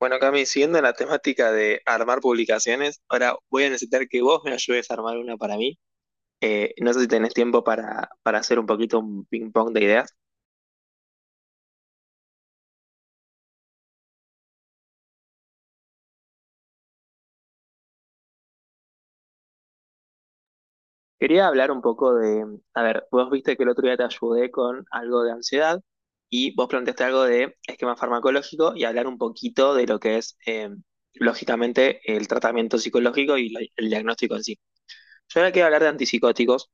Bueno, Cami, siguiendo la temática de armar publicaciones, ahora voy a necesitar que vos me ayudes a armar una para mí. No sé si tenés tiempo para hacer un poquito un ping-pong de ideas. Quería hablar un poco de, a ver, vos viste que el otro día te ayudé con algo de ansiedad y vos planteaste algo de esquema farmacológico y hablar un poquito de lo que es, lógicamente, el tratamiento psicológico y el diagnóstico en sí. Yo ahora quiero hablar de antipsicóticos,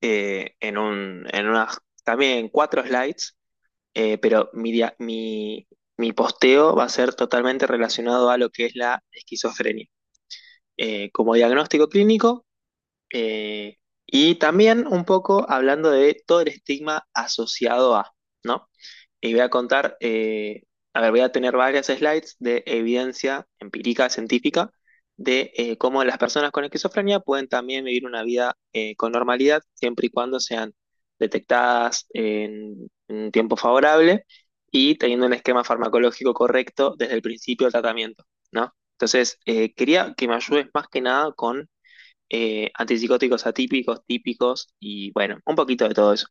en unas, también en cuatro slides, pero mi posteo va a ser totalmente relacionado a lo que es la esquizofrenia, como diagnóstico clínico, eh, y también un poco hablando de todo el estigma asociado a, ¿no? Y voy a contar, a ver, voy a tener varias slides de evidencia empírica científica de cómo las personas con esquizofrenia pueden también vivir una vida, con normalidad, siempre y cuando sean detectadas en un tiempo favorable y teniendo un esquema farmacológico correcto desde el principio del tratamiento, ¿no? Entonces, quería que me ayudes más que nada con, antipsicóticos atípicos, típicos y bueno, un poquito de todo eso.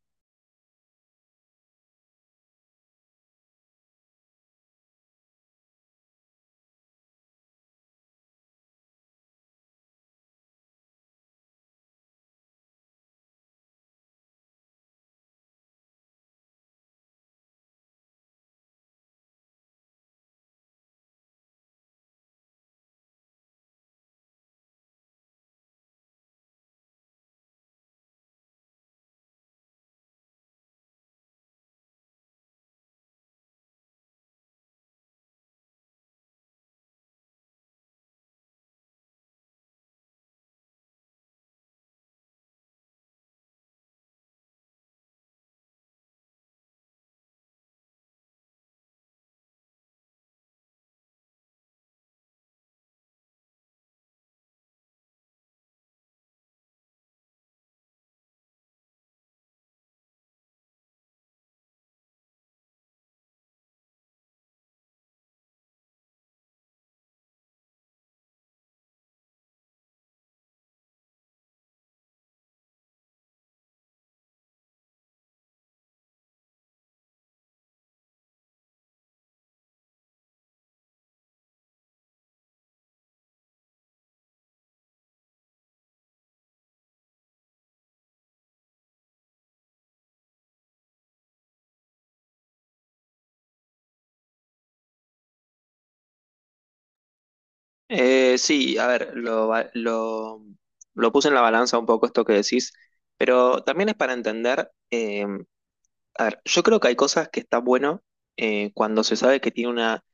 Sí, a ver, lo puse en la balanza un poco esto que decís, pero también es para entender, a ver, yo creo que hay cosas que está bueno, cuando se sabe que tiene una,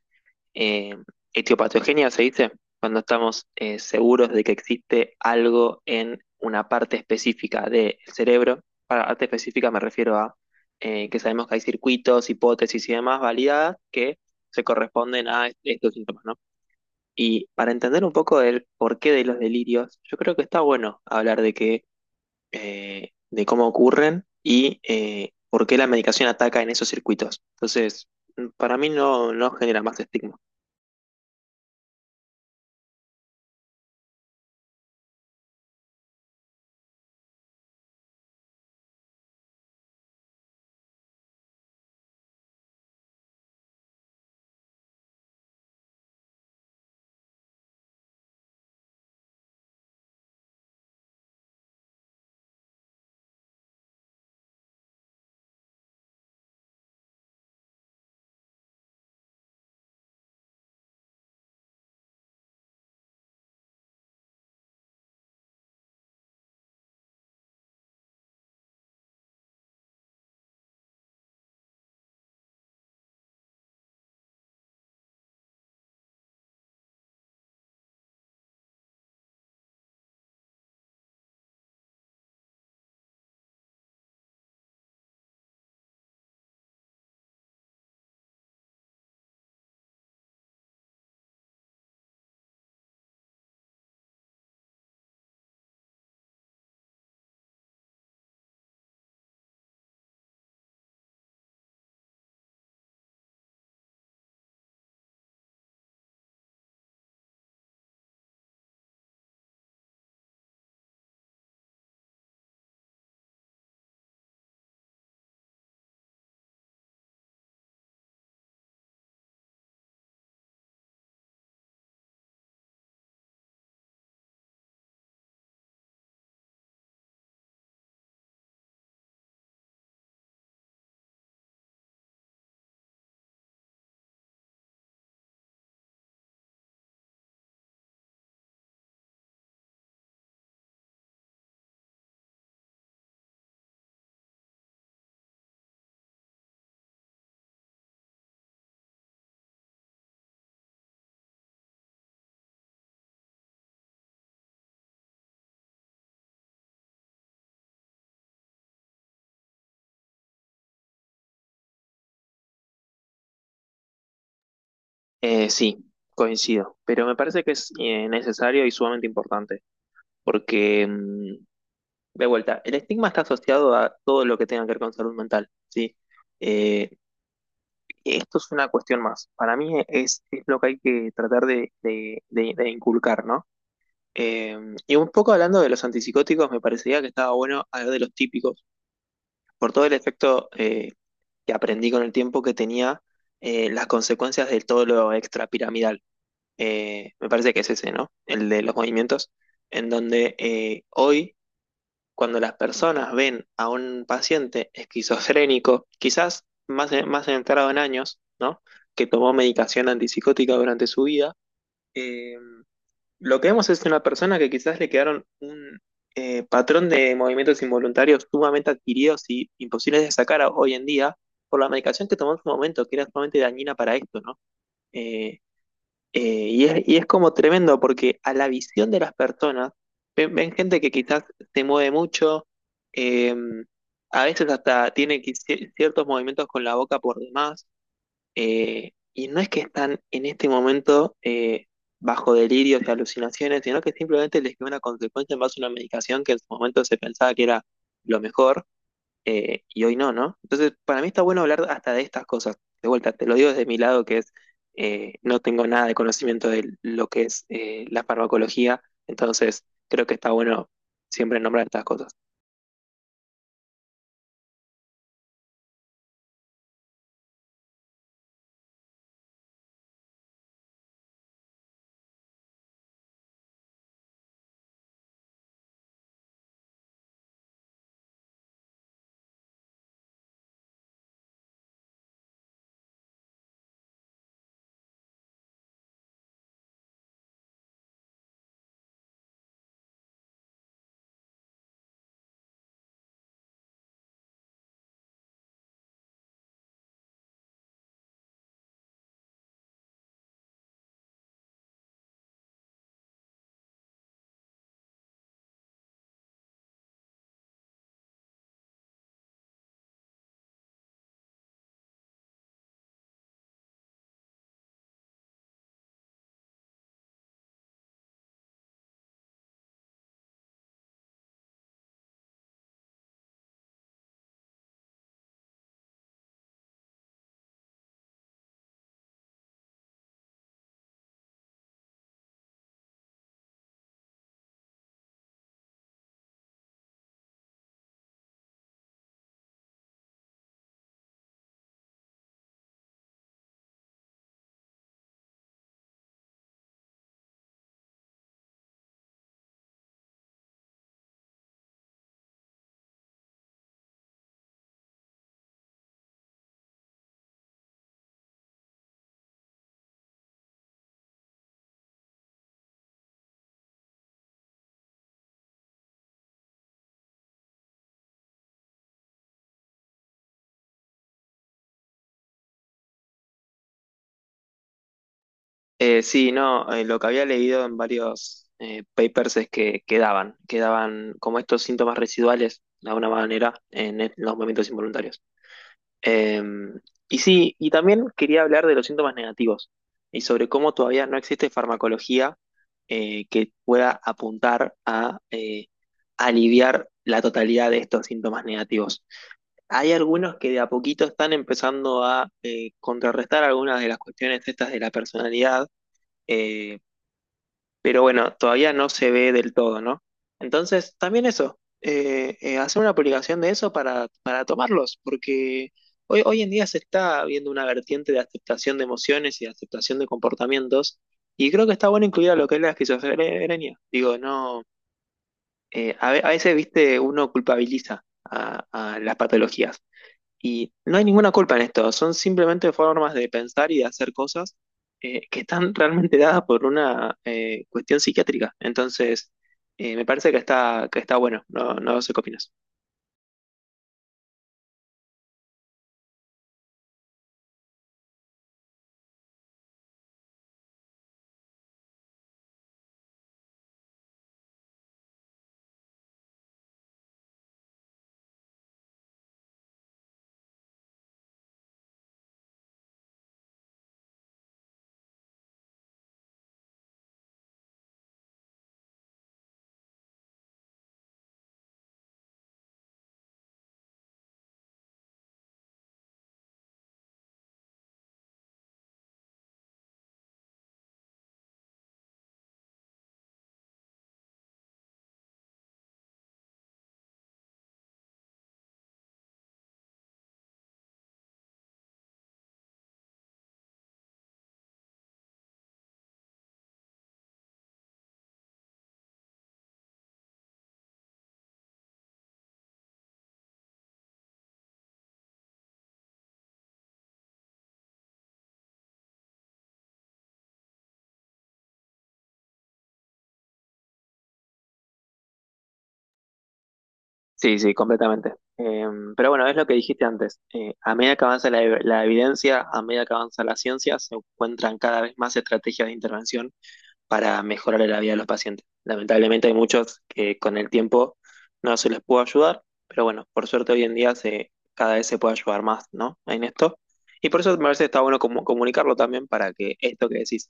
eh, etiopatogenia, se dice, cuando estamos seguros de que existe algo en una parte específica del cerebro. Para parte específica me refiero a, que sabemos que hay circuitos, hipótesis y demás validadas que se corresponden a estos síntomas, ¿no? Y para entender un poco el porqué de los delirios, yo creo que está bueno hablar de que, de cómo ocurren y por qué la medicación ataca en esos circuitos. Entonces, mm, para mí no, no genera más estigma. Sí, coincido, pero me parece que es necesario y sumamente importante, porque, mm, de vuelta, el estigma está asociado a todo lo que tenga que ver con salud mental, ¿sí? Eh, Esto es una cuestión más. Para mí es lo que hay que tratar de, de inculcar, ¿no? Eh, y un poco hablando de los antipsicóticos, me parecería que estaba bueno hablar de los típicos, por todo el efecto que aprendí con el tiempo que tenía, las consecuencias de todo lo extrapiramidal. Me parece que es ese, ¿no? El de los movimientos, en donde hoy, cuando las personas ven a un paciente esquizofrénico, quizás más, más entrado en años, ¿no? Que tomó medicación antipsicótica durante su vida. eh, lo que vemos es una persona que quizás le quedaron un, patrón de movimientos involuntarios sumamente adquiridos y imposibles de hoy en día por la medicación que tomó en su momento, que era sumamente dañina para esto, ¿no? Eh, y es, y es como tremendo porque a la visión de las personas ven, ven gente que quizás se mueve mucho, eh, a veces hasta tiene ciertos movimientos con la boca por demás, y no es que están en este momento bajo delirios y alucinaciones, sino que simplemente les quedó una consecuencia en base a una medicación que en su momento se pensaba que era lo mejor, y hoy no, ¿no? Entonces, para mí está bueno hablar hasta de estas cosas. De vuelta, te lo digo desde mi lado, que es, no tengo nada de conocimiento de lo que es la farmacología, entonces creo que está bueno siempre nombrar estas cosas. Sí, no, lo que había leído en varios papers es que quedaban como estos síntomas residuales, de alguna manera, en los movimientos involuntarios. Eh, y sí, y también quería hablar de los síntomas negativos y sobre cómo todavía no existe farmacología que pueda apuntar a aliviar la totalidad de estos síntomas negativos. Hay algunos que de a poquito están empezando a contrarrestar algunas de las cuestiones estas de la personalidad, eh, pero bueno, todavía no se ve del todo, ¿no? Entonces, también eso, hacer una publicación de eso para tomarlos, porque hoy, hoy en día se está viendo una vertiente de aceptación de emociones y de aceptación de comportamientos, y creo que está bueno incluir a lo que es la esquizofrenia. Digo, no, a, a veces, viste, uno culpabiliza a las patologías. Y no hay ninguna culpa en esto, son simplemente formas de pensar y de hacer cosas que están realmente dadas por una cuestión psiquiátrica. Entonces, me parece que está bueno, no, no sé qué opinas. Sí, sí, completamente. Pero bueno, es lo que dijiste antes. A medida que avanza la, la evidencia, a medida que avanza la ciencia, se encuentran cada vez más estrategias de intervención para mejorarle la vida a los pacientes. Lamentablemente hay muchos que con el tiempo no se les pudo ayudar, pero bueno, por suerte hoy en día se, cada vez se puede ayudar más, ¿no? En esto. Y por eso me parece que está bueno comunicarlo también para que esto que decís,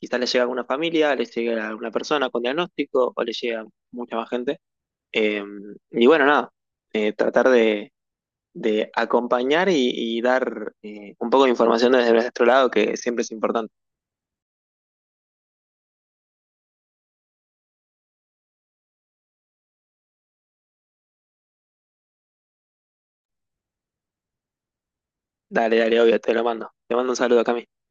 quizás le llegue a alguna familia, le llegue a alguna persona con diagnóstico o le llegue a mucha más gente. Eh, y bueno, nada, tratar de acompañar y dar un poco de información desde nuestro lado, que siempre es importante. Dale, dale, obvio, te lo mando. Te mando un saludo, Cami.